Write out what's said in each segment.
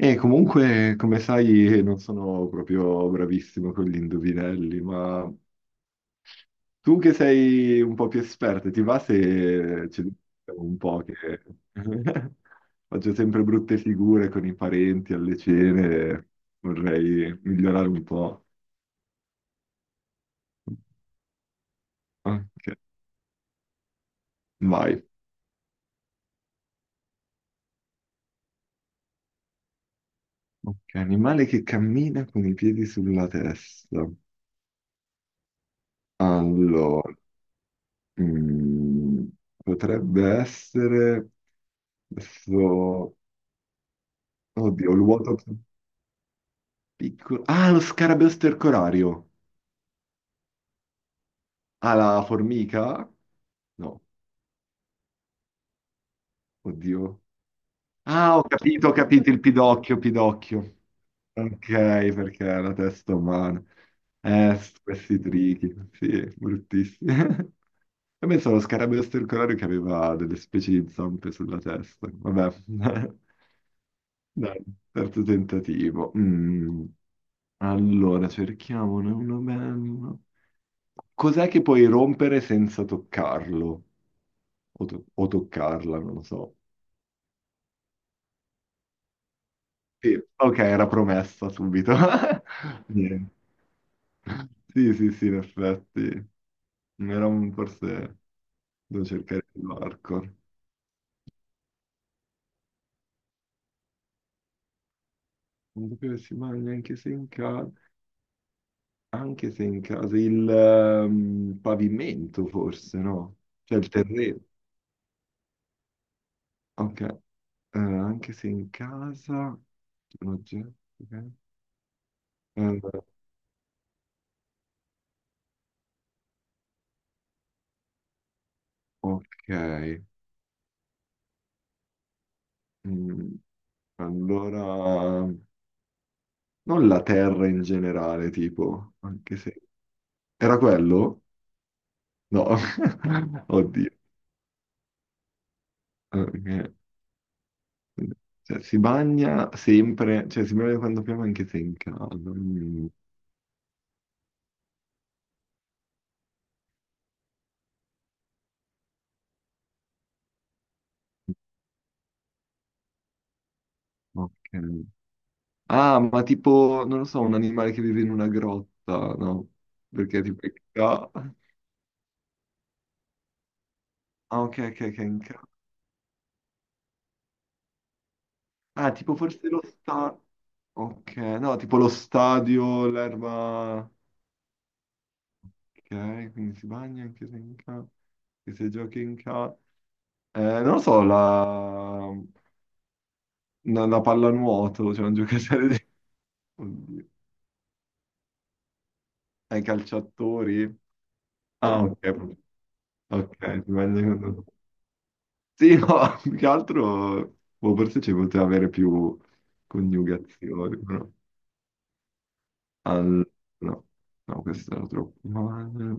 E comunque, come sai, non sono proprio bravissimo con gli indovinelli, ma tu che sei un po' più esperta, ti va se ci dico un po' che faccio sempre brutte figure con i parenti alle cene, vorrei migliorare un po'. Ok, vai. Ok, animale che cammina con i piedi sulla testa. Allora, mm, potrebbe essere... adesso. Oddio, l'uoto più piccolo. Ah, lo scarabeo stercorario. Ah, la formica? No, oddio. Ah, ho capito, il pidocchio, pidocchio. Ok, perché è la testa umana. Questi trichi, sì, bruttissimi. E penso allo scarabeo stercorario che aveva delle specie di zampe sulla testa. Vabbè, dai, terzo tentativo. Mm. Allora, cerchiamone uno bello. Cos'è che puoi rompere senza toccarlo? O toccarla, non lo so. Sì, ok, era promessa subito. Niente. Sì, sì, sì, in effetti. Era un forse... Devo cercare il marco. Non sapevo che si mangia anche se in casa... Anche se in casa... Il pavimento, forse, no? Cioè il terreno. Ok. Anche se in casa... Un oggetto, ok. Eh, ok. Mm, allora non la terra in generale, tipo, anche se era quello? No, oddio. Ok. Cioè, si bagna sempre, cioè si bagna quando piove anche se è in casa. Ok. Ah, ma tipo, non lo so, un animale che vive in una grotta, no? Perché tipo è in ca-. Ah, ok, ok, ok, in ca-. Ah, tipo forse lo sta... Ok, no, tipo lo stadio, l'erba... Ok, quindi si bagna anche se in casa, anche se giochi in casa. Non lo so, la pallanuoto, cioè un giocatore di... Oddio. Ai calciatori? Ah, ok, proprio-, ok, si bagna con-. Sì, no, più che altro, boh, forse ci poteva avere più coniugazioni, però... Al... No, no, questo era troppo male.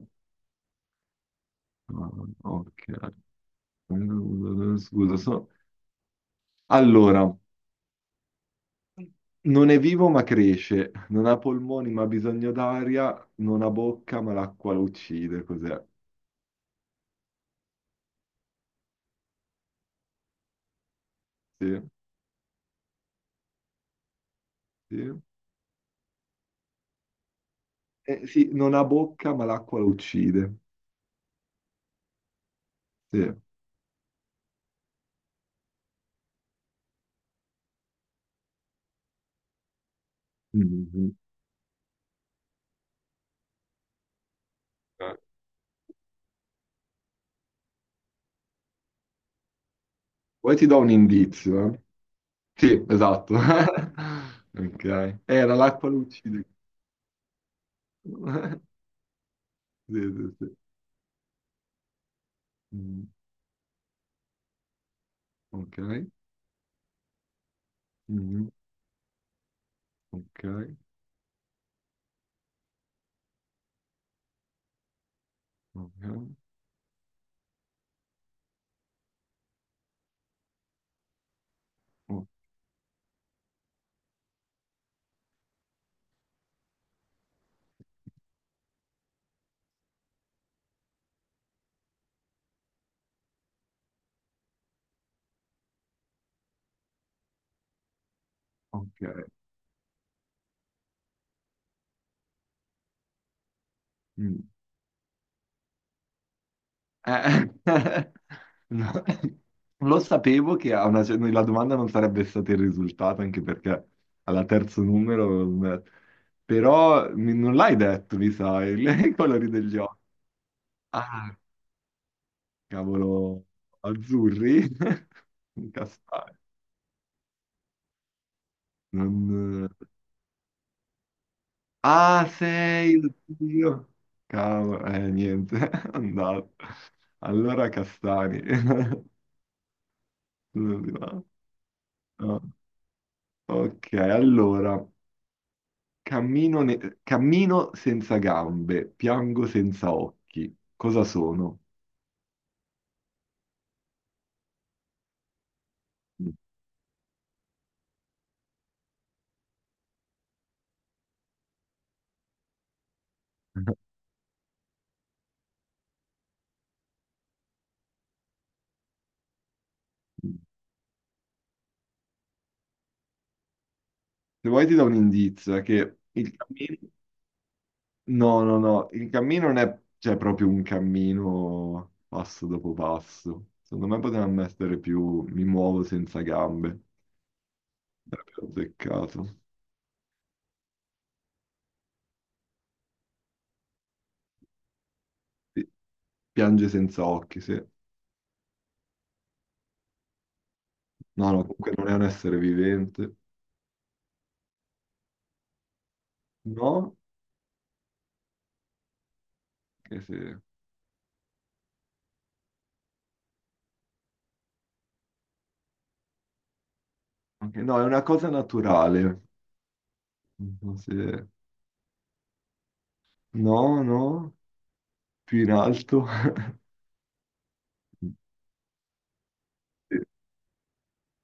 Ah, ok. Scusa, so... Allora... Non è vivo ma cresce, non ha polmoni ma ha bisogno d'aria, non ha bocca ma l'acqua lo uccide, cos'è? Sì, sì. Sì, non ha bocca ma l'acqua lo uccide. Sì. Mhm. Eh. Poi ti do un indizio, eh. Sì, esatto. Ok. Era l'acqua lo uccide. Sì, sì, sì. Mm, ok. Mhm. Ok. Ok. O-, ok. Mm. Eh, no. Lo sapevo che a una, cer- la domanda non sarebbe stata il risultato, anche perché alla terzo numero, però mi- non l'hai detto, mi sa, il- i colori degli occhi. Ah, cavolo, azzurri? Castani. Non... Ah, sei, oddio. Cavolo, niente, è andato. Allora, castani. No, no. Ok, allora. Cammino senza gambe, piango senza occhi. Cosa sono? Mm. Se vuoi ti do un indizio, è che il cammino... No, no, no, il cammino non è, cioè, proprio un cammino passo dopo passo. Secondo me potevano essere più mi muovo senza gambe. Sarebbe azzeccato. Sì, piange senza occhi, sì. No, no, comunque non è un essere vivente. No? Che se- ok, no, è una cosa naturale. Non so se-. No, no, più in alto.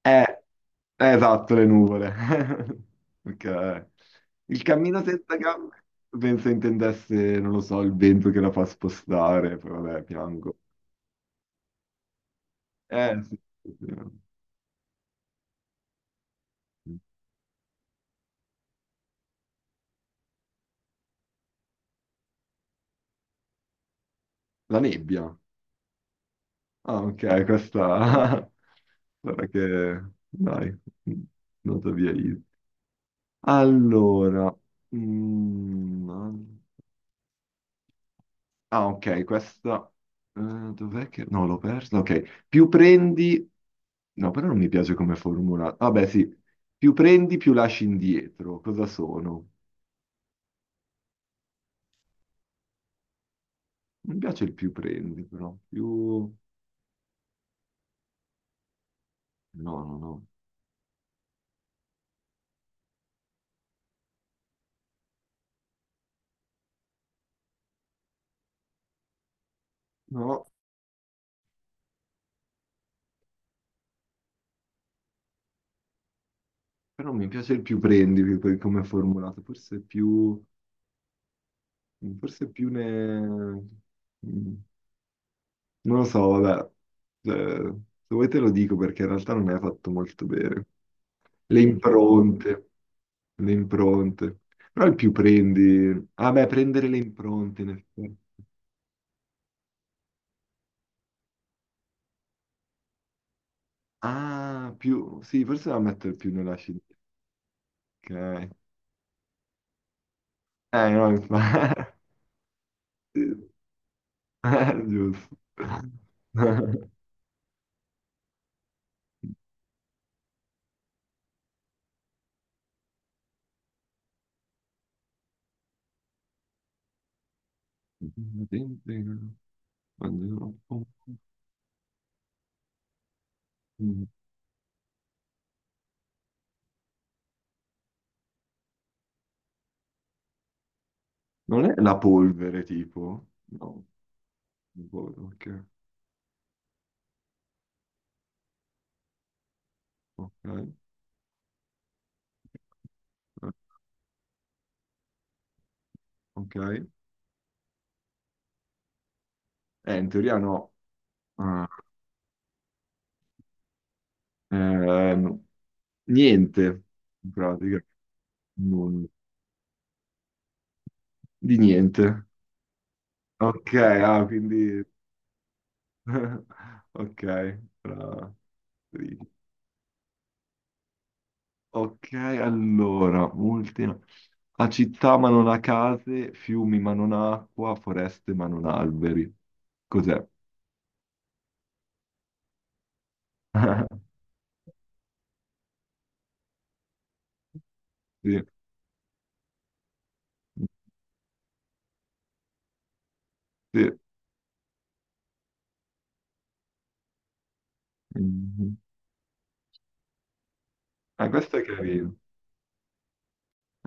Eh, esatto, le nuvole. Ok. Il cammino senza gambe, penso intendesse, non lo so, il vento che la fa spostare, poi vabbè, piango. Sì, sì, sì. La nebbia. Ah, ok, questa... Guarda che... Dai, nota via io. Allora... mm, ah, ok, questa... eh, dov'è che... No, l'ho persa. Ok, più prendi... No, però non mi piace come formula. Vabbè, sì. Più prendi, più lasci indietro. Cosa sono? Mi piace il più prendi, però. Più... No, no, no. No, però mi piace il più prendi, più-, per come è formulato. Forse più ne... Mm, non lo so, vabbè. Eh, se vuoi te lo dico, perché in realtà non è fatto molto bene. Le impronte, le impronte. Però il più prendi... Ah beh, prendere le impronte, in effetti. Ah, più... Sì, forse la metto più nella CD. Ok. No, infatti... Sì. Giusto. Non è la polvere, tipo? No, non polvere, ok. Ok. Ok. In teoria no. Ah, ehm, niente, in pratica. Non... Di niente. Ok, ah, quindi... Ok, brava. Ok, allora, ultima. Ha città ma non ha case, fiumi ma non ha acqua, foreste ma non ha alberi. Cos'è? Sì, sì. Mhm. Ah, questo è carino.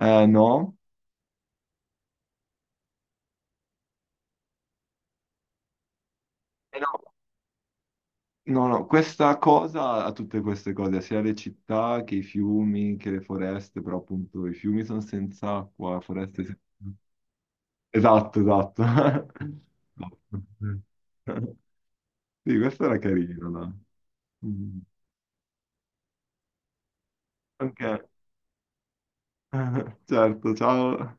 No. No, no, no, questa cosa ha tutte queste cose, sia le città che i fiumi, che le foreste, però appunto i fiumi sono senza acqua, foreste senza... Esatto, esatto. Esatto, sì, sì, questo era carino, dai. Mm. Ok, certo, ciao.